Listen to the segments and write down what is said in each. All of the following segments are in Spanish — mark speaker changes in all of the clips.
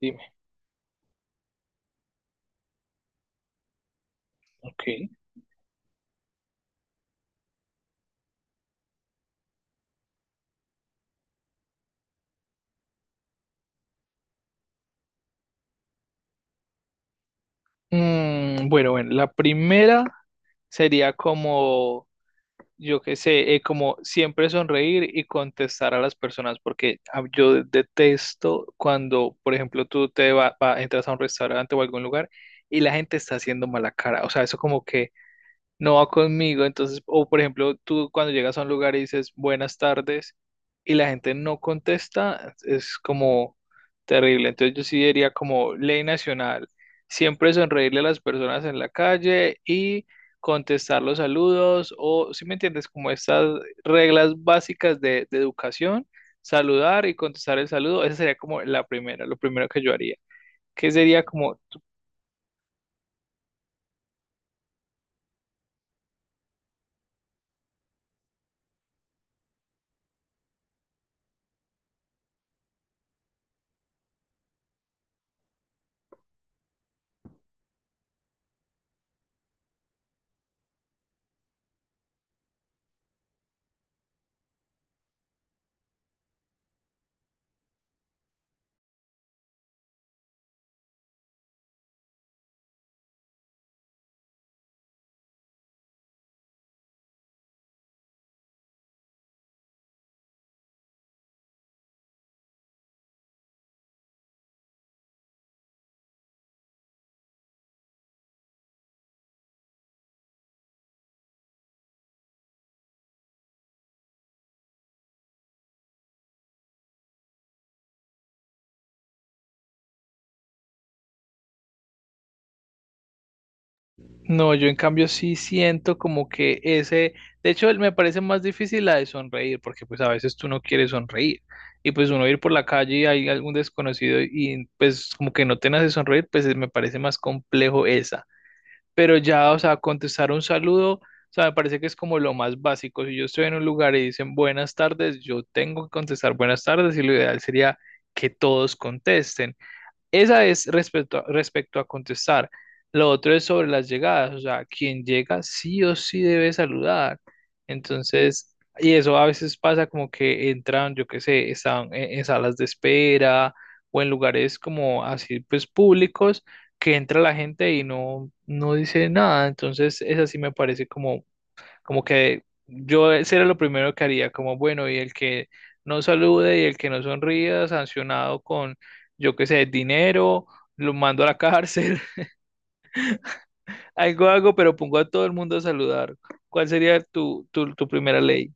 Speaker 1: Dime, ok. Bueno, la primera sería como, yo qué sé, como siempre sonreír y contestar a las personas, porque yo detesto cuando, por ejemplo, tú te entras a un restaurante o algún lugar y la gente está haciendo mala cara. O sea, eso como que no va conmigo. Entonces, o por ejemplo, tú cuando llegas a un lugar y dices buenas tardes y la gente no contesta, es como terrible. Entonces yo sí diría como ley nacional, siempre sonreírle a las personas en la calle y contestar los saludos o, si me entiendes, como estas reglas básicas de educación, saludar y contestar el saludo, esa sería como la primera, lo primero que yo haría. ¿Qué sería como No, yo en cambio sí siento como que ese, de hecho él me parece más difícil la de sonreír, porque pues a veces tú no quieres sonreír y pues uno ir por la calle y hay algún desconocido y pues como que no te nace sonreír, pues me parece más complejo esa. Pero ya, o sea, contestar un saludo, o sea, me parece que es como lo más básico. Si yo estoy en un lugar y dicen buenas tardes, yo tengo que contestar buenas tardes y lo ideal sería que todos contesten. Esa es respecto a contestar. Lo otro es sobre las llegadas, o sea, quien llega sí o sí debe saludar. Entonces, y eso a veces pasa como que entran, yo qué sé, están en salas de espera o en lugares como así, pues públicos, que entra la gente y no dice nada. Entonces, esa sí me parece como como que yo ese era lo primero que haría, como bueno, y el que no salude y el que no sonría, sancionado con, yo qué sé, dinero, lo mando a la cárcel, algo hago, pero pongo a todo el mundo a saludar. ¿Cuál sería tu primera ley?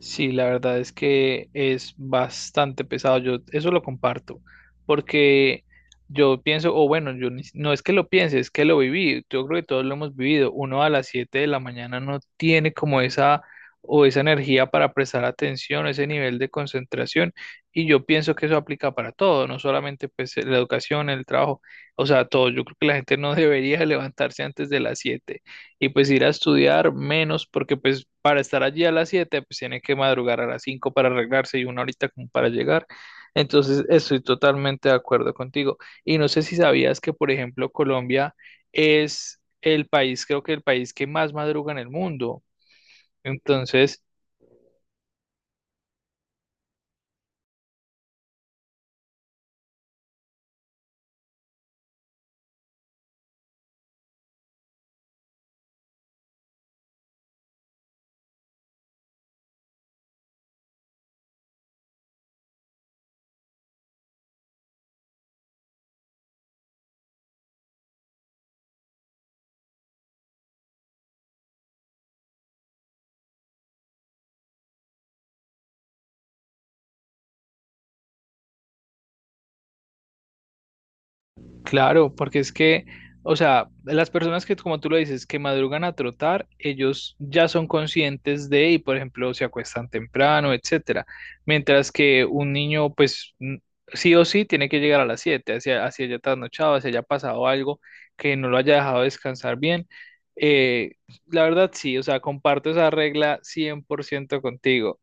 Speaker 1: Sí, la verdad es que es bastante pesado. Yo eso lo comparto, porque yo pienso, o bueno, yo ni si- no es que lo piense, es que lo viví. Yo creo que todos lo hemos vivido. Uno a las 7 de la mañana no tiene como esa o esa energía para prestar atención, ese nivel de concentración. Y yo pienso que eso aplica para todo, no solamente pues la educación, el trabajo, o sea, todo. Yo creo que la gente no debería levantarse antes de las 7 y pues ir a estudiar menos, porque pues para estar allí a las 7 pues tiene que madrugar a las 5 para arreglarse y una horita como para llegar. Entonces, estoy totalmente de acuerdo contigo. Y no sé si sabías que, por ejemplo, Colombia es el país, creo que el país que más madruga en el mundo. Entonces, claro, porque es que, o sea, las personas que, como tú lo dices, que madrugan a trotar, ellos ya son conscientes de, y por ejemplo, se acuestan temprano, etcétera. Mientras que un niño, pues, n- sí o sí tiene que llegar a las 7, hacia, hacia haya trasnochado, hacia haya pasado algo que no lo haya dejado descansar bien. Eh, la verdad, sí, o sea, comparto esa regla 100% contigo.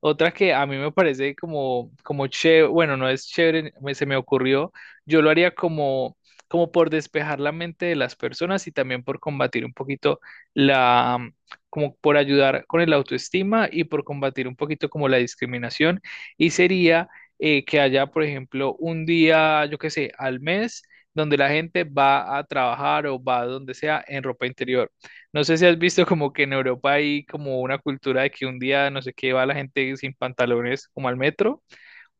Speaker 1: Otra que a mí me parece como, como chévere, bueno, no es chévere, me- se me ocurrió yo lo haría como, como por despejar la mente de las personas y también por combatir un poquito la, como por ayudar con el autoestima y por combatir un poquito como la discriminación. Y sería que haya, por ejemplo, un día, yo qué sé, al mes, donde la gente va a trabajar o va a donde sea en ropa interior. No sé si has visto como que en Europa hay como una cultura de que un día, no sé qué, va la gente sin pantalones como al metro.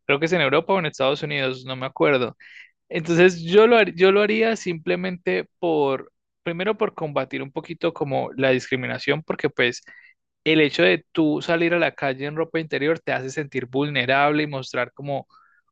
Speaker 1: Creo que es en Europa o en Estados Unidos, no me acuerdo. Entonces yo lo, har- yo lo haría simplemente por, primero por combatir un poquito como la discriminación, porque pues el hecho de tú salir a la calle en ropa interior te hace sentir vulnerable y mostrar como,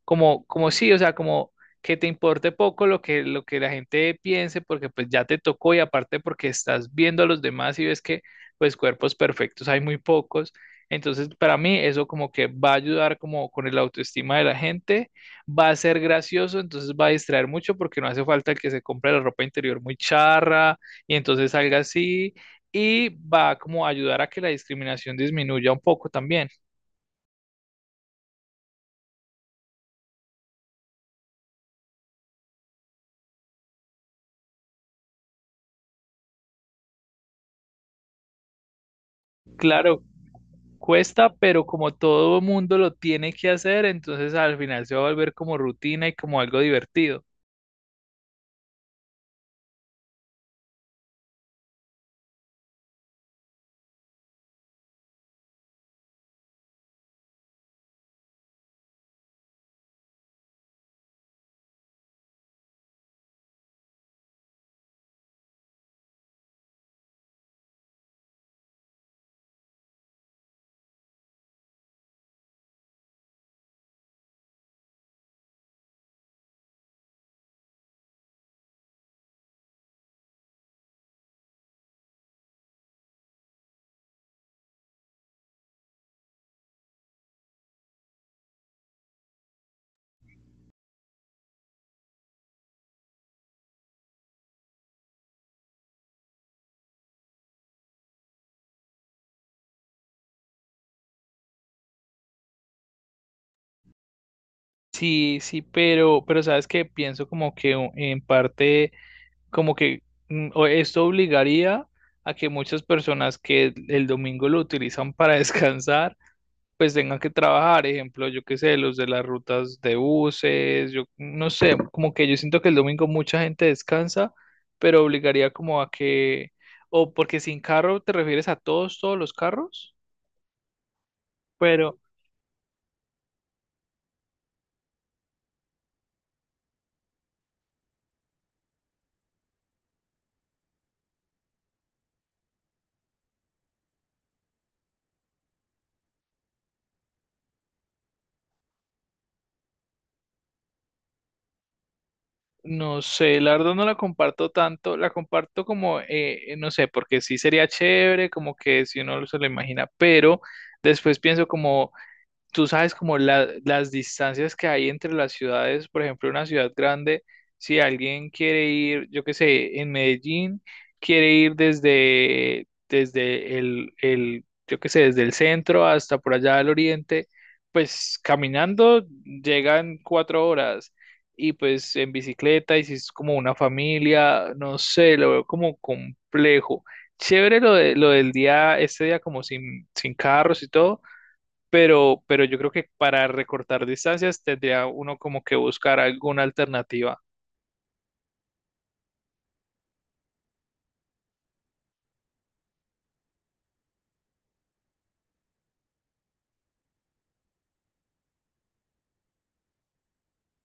Speaker 1: como, como sí, o sea, como que te importe poco lo que la gente piense, porque pues ya te tocó y aparte porque estás viendo a los demás y ves que pues cuerpos perfectos hay muy pocos. Entonces, para mí eso como que va a ayudar como con el autoestima de la gente, va a ser gracioso, entonces va a distraer mucho porque no hace falta que se compre la ropa interior muy charra y entonces salga así y va como a ayudar a que la discriminación disminuya un poco también. Claro, cuesta, pero como todo mundo lo tiene que hacer, entonces al final se va a volver como rutina y como algo divertido. Sí, sí, pero sabes que pienso como que u- en parte, como que o esto obligaría a que muchas personas que el domingo lo utilizan para descansar, pues tengan que trabajar, ejemplo, yo qué sé, los de las rutas de buses, yo no sé, como que yo siento que el domingo mucha gente descansa, pero obligaría como a que, o porque sin carro te refieres a todos, todos los carros, pero no sé, la verdad no la comparto tanto, la comparto como, no sé, porque sí sería chévere, como que si uno se lo imagina, pero después pienso como tú sabes como la- las distancias que hay entre las ciudades, por ejemplo, una ciudad grande, si alguien quiere ir, yo qué sé, en Medellín, quiere ir desde, yo qué sé, desde el centro hasta por allá al oriente, pues caminando llegan 4 horas. Y pues en bicicleta, y si es como una familia, no sé, lo veo como complejo. Chévere lo de, lo del día, este día como sin carros y todo, pero yo creo que para recortar distancias tendría uno como que buscar alguna alternativa.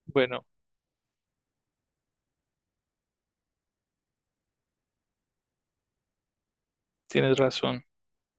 Speaker 1: Bueno, tienes razón.